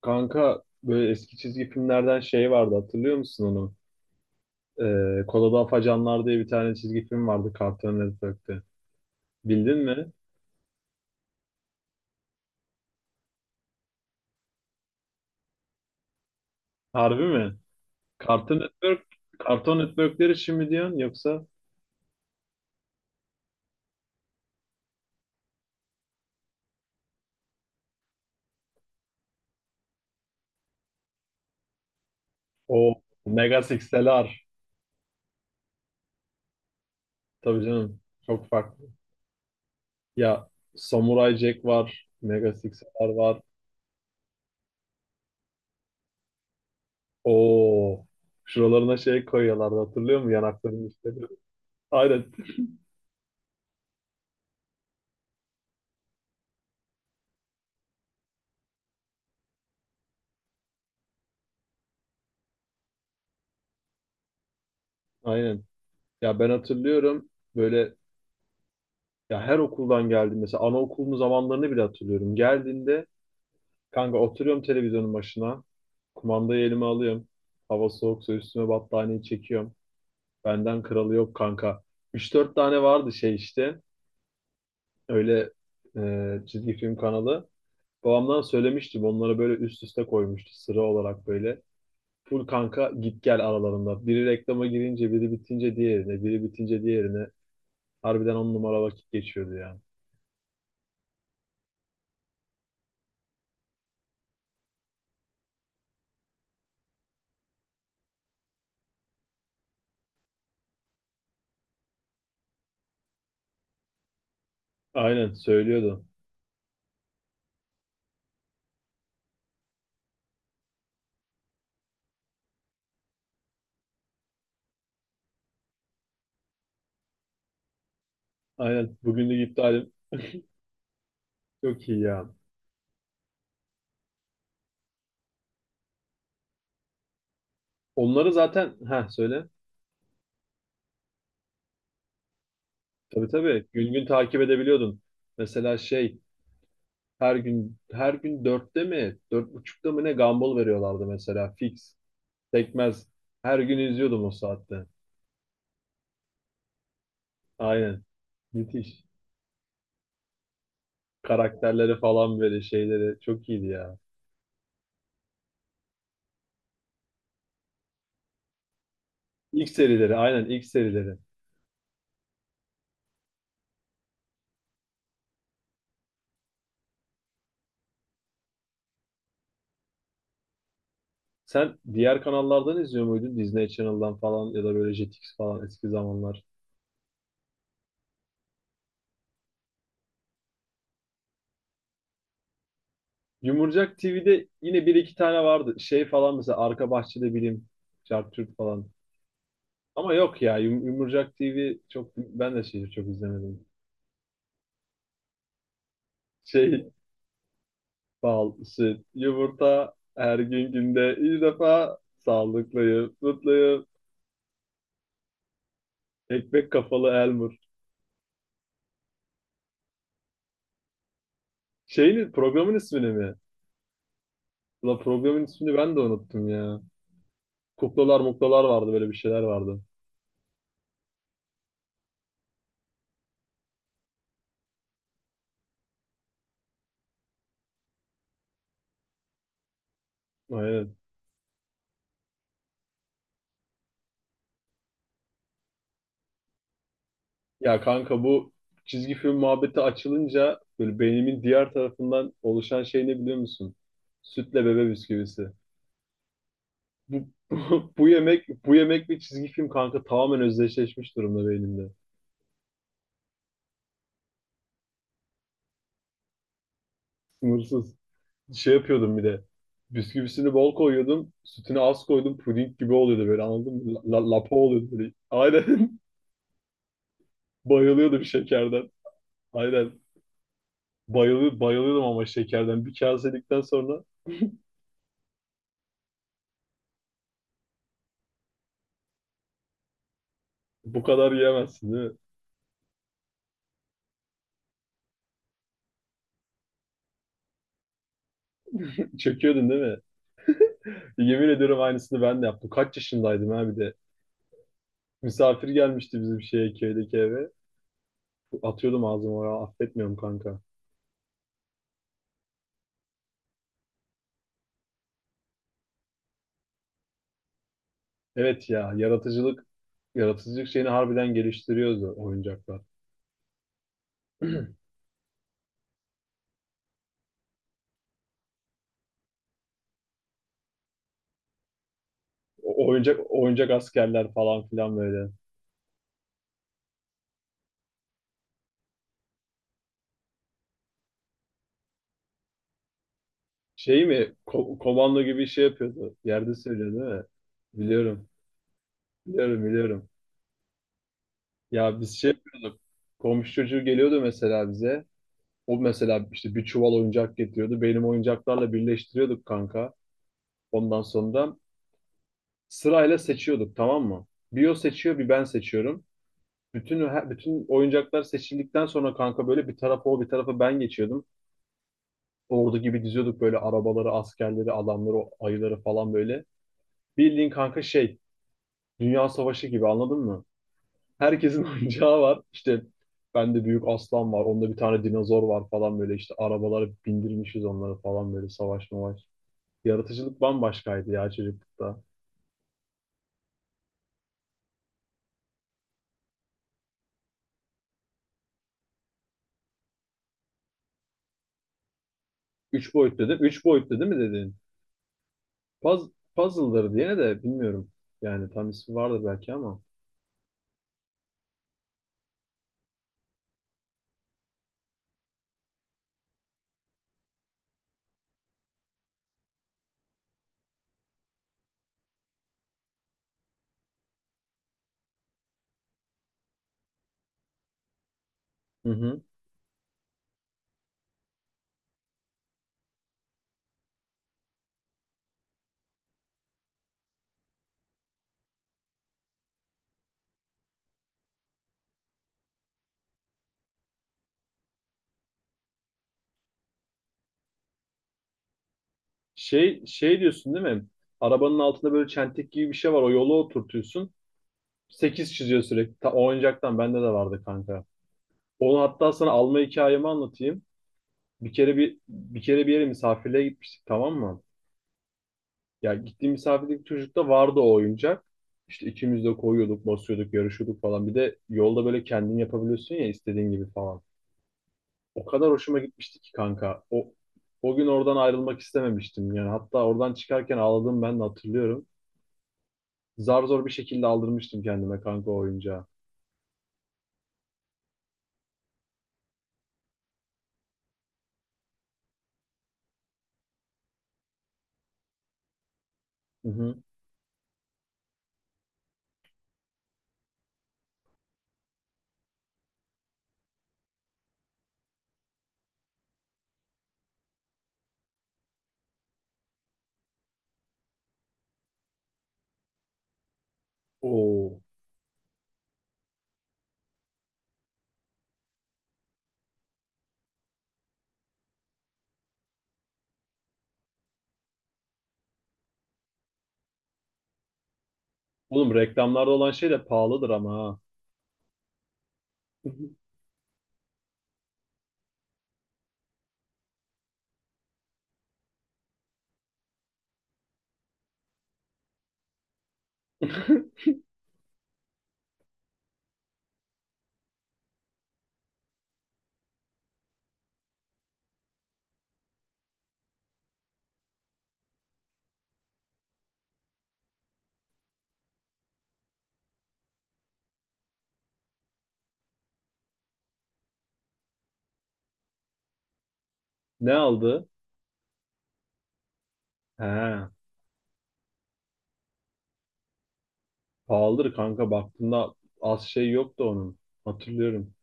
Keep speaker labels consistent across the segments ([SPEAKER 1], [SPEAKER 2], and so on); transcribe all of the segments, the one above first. [SPEAKER 1] Kanka böyle eski çizgi filmlerden şey vardı hatırlıyor musun onu? Kola'da Afacanlar diye bir tane çizgi film vardı Cartoon Network'te. Bildin mi? Harbi mi? Cartoon Network, Cartoon Network'leri şimdi mi diyorsun yoksa o Mega Six'teler. Tabii canım, çok farklı. Ya, Samurai Jack var, Mega Six'ler var. Oo, şuralarına şey koyuyorlardı hatırlıyor musun yanaklarının üstüne? Aynen, aynen. Ya ben hatırlıyorum böyle. Ya her okuldan geldim. Mesela anaokulunun zamanlarını bile hatırlıyorum. Geldiğinde kanka oturuyorum televizyonun başına. Kumandayı elime alıyorum. Hava soğuksa üstüme battaniyeyi çekiyorum. Benden kralı yok kanka. Üç dört tane vardı şey işte. Öyle çizgi film kanalı. Babamdan söylemiştim. Onları böyle üst üste koymuştu sıra olarak böyle. Full kanka git gel aralarında. Biri reklama girince, biri bitince diğerine, biri bitince diğerine. Harbiden on numara vakit geçiyordu ya. Aynen söylüyordu. Aynen. Bugünlük iptalim, çok iyi ya. Onları zaten, ha söyle. Tabii tabii. Gün gün takip edebiliyordun. Mesela şey, her gün her gün dörtte mi dört buçukta mı ne Gumball veriyorlardı mesela fix. Tekmez. Her gün izliyordum o saatte. Aynen. Müthiş. Karakterleri falan böyle şeyleri çok iyiydi ya. İlk serileri, aynen ilk serileri. Sen diğer kanallardan izliyor muydun? Disney Channel'dan falan, ya da böyle Jetix falan eski zamanlar. Yumurcak TV'de yine bir iki tane vardı. Şey falan, mesela Arka Bahçede Bilim, Çarptürk falan. Ama yok ya, Yumurcak TV çok, ben de şeyi çok izlemedim. Şey, bal, süt, yumurta her gün, günde ilk defa sağlıklıyım, mutluyum. Ekmek kafalı Elmur. Şeyin, programın ismini mi? La, programın ismini ben de unuttum ya. Kuklalar muklalar vardı, böyle bir şeyler vardı. Aynen. Ya kanka, bu çizgi film muhabbeti açılınca böyle beynimin diğer tarafından oluşan şey ne biliyor musun? Sütle bebe bisküvisi. Bu, bu yemek, bu yemek ve çizgi film kanka tamamen özdeşleşmiş durumda beynimde. Sınırsız. Şey yapıyordum bir de. Bisküvisini bol koyuyordum. Sütünü az koydum. Puding gibi oluyordu böyle, anladın mı? Lapa oluyordu böyle. Aynen. Bayılıyordum şekerden. Aynen. Bayılıyordum, bayılıyordum ama şekerden. Bir kase yedikten sonra bu kadar yiyemezsin değil mi? Çöküyordun değil mi? Yemin ediyorum aynısını ben de yaptım. Kaç yaşındaydım ha bir de. Misafir gelmişti bizim şeye, köydeki eve. Atıyordum ağzıma ya, affetmiyorum kanka. Evet ya, yaratıcılık, yaratıcılık şeyini harbiden geliştiriyordu oyuncaklar. Oyuncak oyuncak askerler falan filan böyle. Şey mi? Komando gibi şey yapıyordu. Yerde söylüyor değil mi? Biliyorum. Biliyorum, biliyorum. Ya biz şey yapıyorduk. Komşu çocuğu geliyordu mesela bize. O mesela işte bir çuval oyuncak getiriyordu. Benim oyuncaklarla birleştiriyorduk kanka. Ondan sonra sırayla seçiyorduk, tamam mı? Bir o seçiyor, bir ben seçiyorum. Bütün oyuncaklar seçildikten sonra kanka böyle bir tarafa o, bir tarafa ben geçiyordum. Ordu gibi diziyorduk böyle arabaları, askerleri, adamları, o ayıları falan böyle. Bildiğin kanka şey, Dünya Savaşı gibi, anladın mı? Herkesin oyuncağı var. İşte bende büyük aslan var. Onda bir tane dinozor var falan, böyle işte arabalara bindirmişiz onları falan, böyle savaş mavaş. Yaratıcılık bambaşkaydı ya çocuklukta. Üç boyutlu değil mi? Üç boyutlu değil mi dedin? Puz, Puzzle'ları diye de bilmiyorum. Yani tam ismi vardır belki ama. Hı hı. Şey diyorsun değil mi? Arabanın altında böyle çentik gibi bir şey var. O yola oturtuyorsun. Sekiz çiziyor sürekli. O oyuncaktan bende de vardı kanka. Onu hatta sana alma hikayemi anlatayım. Bir kere bir yere misafirliğe gitmiştik, tamam mı? Ya, gittiğim misafirlik çocukta vardı o oyuncak. İşte ikimiz de koyuyorduk, basıyorduk, yarışıyorduk falan. Bir de yolda böyle kendin yapabiliyorsun ya istediğin gibi falan. O kadar hoşuma gitmişti ki kanka. O gün oradan ayrılmak istememiştim. Yani hatta oradan çıkarken ağladım, ben de hatırlıyorum. Zar zor bir şekilde aldırmıştım kendime kanka o oyuncağı. Hı hı. Oo. Oğlum, reklamlarda olan şey de pahalıdır ama ha. Ne aldı? He. Pahalıdır kanka, baktığında az şey yok da onun. Hatırlıyorum.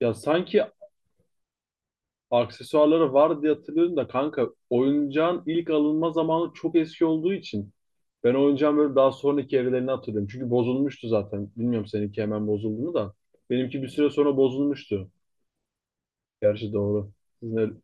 [SPEAKER 1] Ya sanki aksesuarları var diye hatırlıyorum da kanka, oyuncağın ilk alınma zamanı çok eski olduğu için ben oyuncağın böyle daha sonraki evrelerini hatırlıyorum. Çünkü bozulmuştu zaten. Bilmiyorum seninki hemen bozuldu mu da. Benimki bir süre sonra bozulmuştu. Gerçi doğru. Sizin